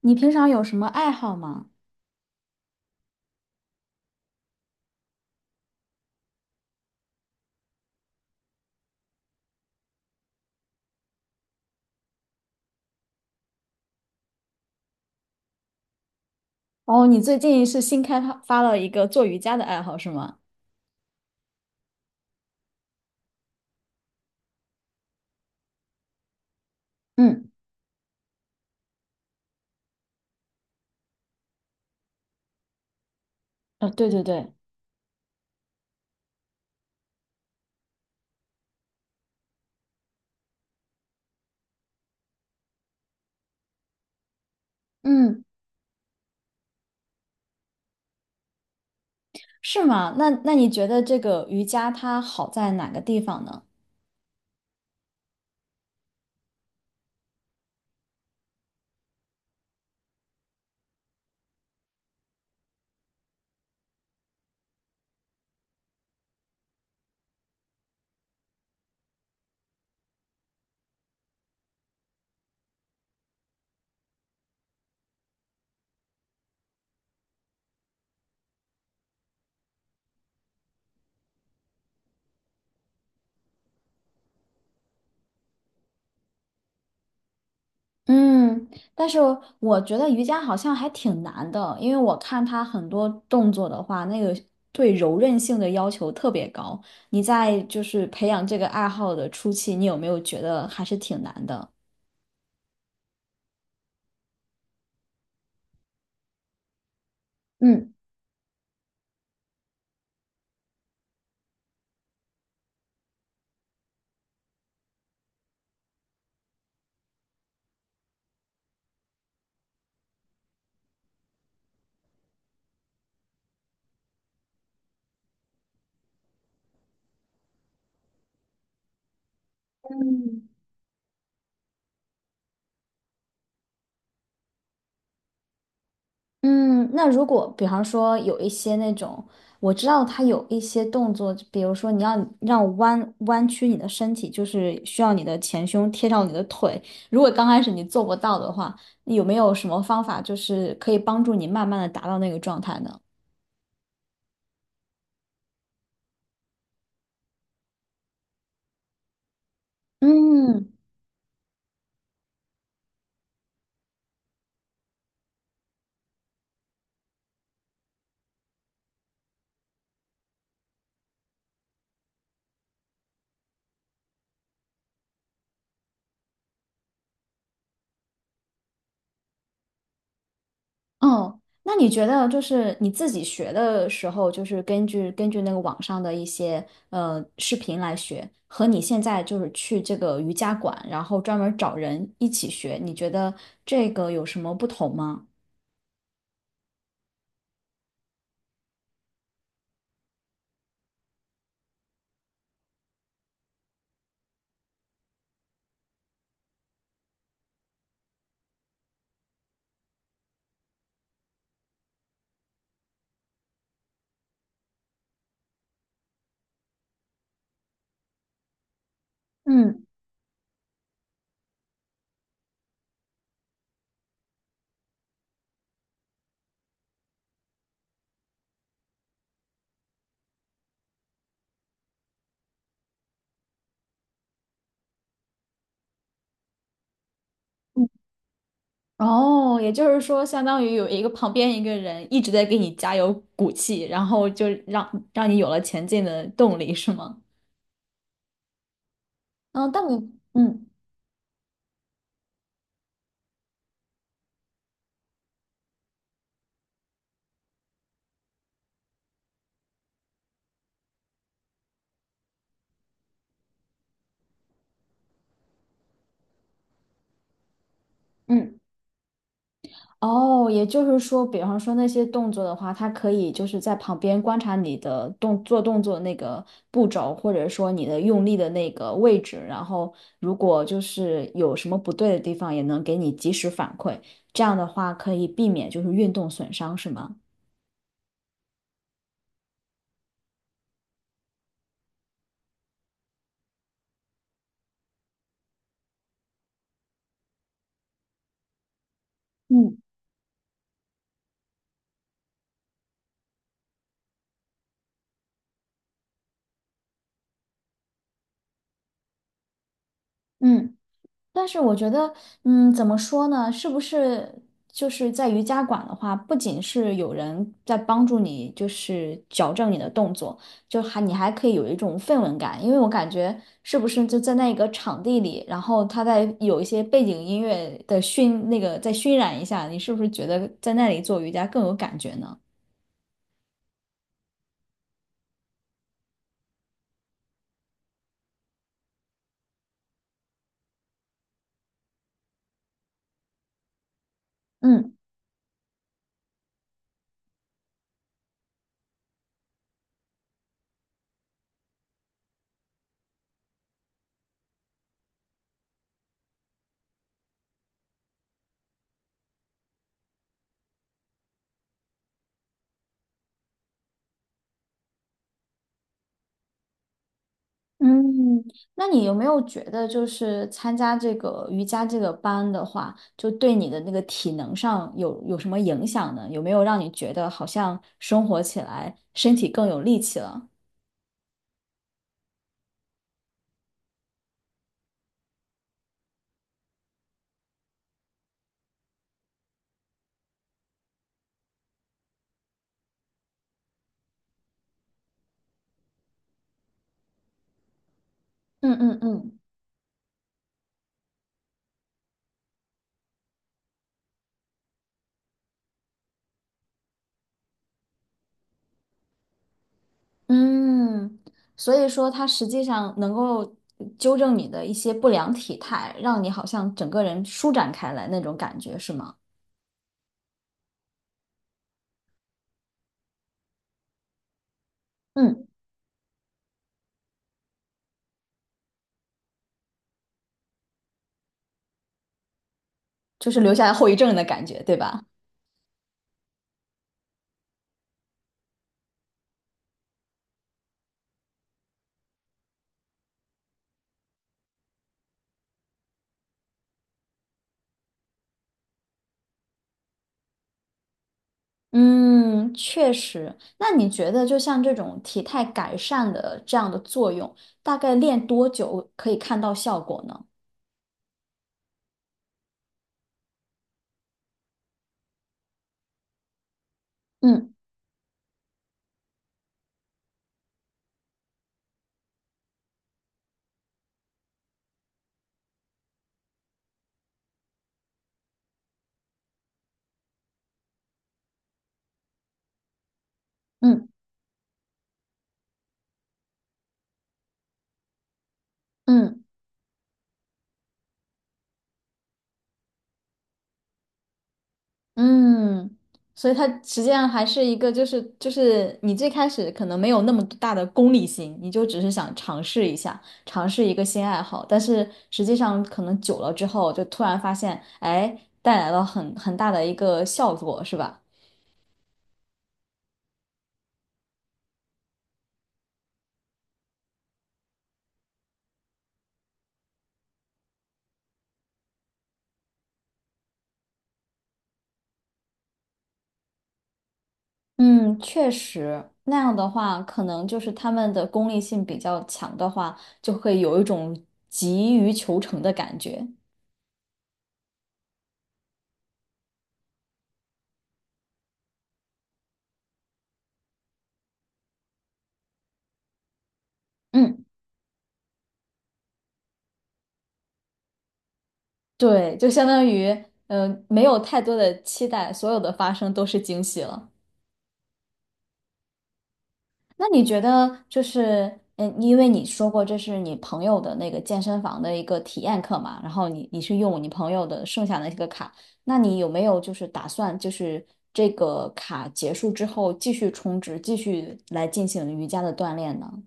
你平常有什么爱好吗？哦，你最近是新开发了一个做瑜伽的爱好是吗？嗯。对对对。嗯。是吗？那你觉得这个瑜伽它好在哪个地方呢？嗯，但是我觉得瑜伽好像还挺难的，因为我看它很多动作的话，那个对柔韧性的要求特别高。你在就是培养这个爱好的初期，你有没有觉得还是挺难的？嗯。嗯嗯，那如果比方说有一些那种，我知道他有一些动作，比如说你要让弯曲你的身体，就是需要你的前胸贴到你的腿。如果刚开始你做不到的话，有没有什么方法就是可以帮助你慢慢的达到那个状态呢？嗯。哦，那你觉得就是你自己学的时候，就是根据那个网上的一些视频来学，和你现在就是去这个瑜伽馆，然后专门找人一起学，你觉得这个有什么不同吗？嗯。嗯。哦，也就是说，相当于有一个旁边一个人一直在给你加油鼓气，然后就让你有了前进的动力，是吗？嗯，但我嗯。嗯。哦，也就是说，比方说那些动作的话，它可以就是在旁边观察你的动作那个步骤，或者说你的用力的那个位置，然后如果就是有什么不对的地方，也能给你及时反馈。这样的话，可以避免就是运动损伤，是吗？嗯。嗯。但是我觉得，嗯，怎么说呢？是不是就是在瑜伽馆的话，不仅是有人在帮助你，就是矫正你的动作，你还可以有一种氛围感，因为我感觉是不是就在那个场地里，然后他在有一些背景音乐的熏，那个再熏染一下，你是不是觉得在那里做瑜伽更有感觉呢？嗯。嗯，那你有没有觉得，就是参加这个瑜伽这个班的话，就对你的那个体能上有什么影响呢？有没有让你觉得好像生活起来身体更有力气了？嗯嗯嗯。嗯，所以说它实际上能够纠正你的一些不良体态，让你好像整个人舒展开来那种感觉，是吗？嗯，就是留下来后遗症的感觉，对吧？嗯，确实。那你觉得，就像这种体态改善的这样的作用，大概练多久可以看到效果呢？嗯嗯嗯。嗯，所以它实际上还是一个，就是你最开始可能没有那么大的功利心，你就只是想尝试一下，尝试一个新爱好，但是实际上可能久了之后，就突然发现，哎，带来了很大的一个效果，是吧？嗯，确实，那样的话，可能就是他们的功利性比较强的话，就会有一种急于求成的感觉。嗯，对，就相当于，没有太多的期待，所有的发生都是惊喜了。那你觉得就是，嗯，因为你说过这是你朋友的那个健身房的一个体验课嘛，然后你是用你朋友的剩下的一个卡，那你有没有就是打算就是这个卡结束之后继续充值，继续来进行瑜伽的锻炼呢？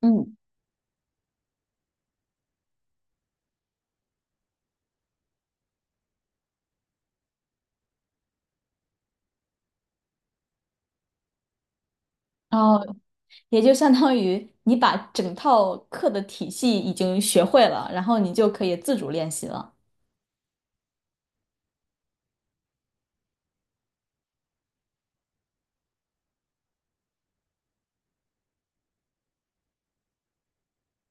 嗯。然后也就相当于你把整套课的体系已经学会了，然后你就可以自主练习了。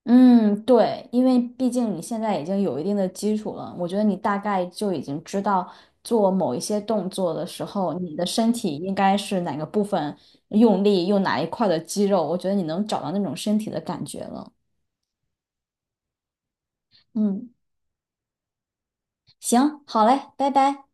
嗯，对，因为毕竟你现在已经有一定的基础了，我觉得你大概就已经知道做某一些动作的时候，你的身体应该是哪个部分用力，用哪一块的肌肉，我觉得你能找到那种身体的感觉了。嗯，行，好嘞，拜拜。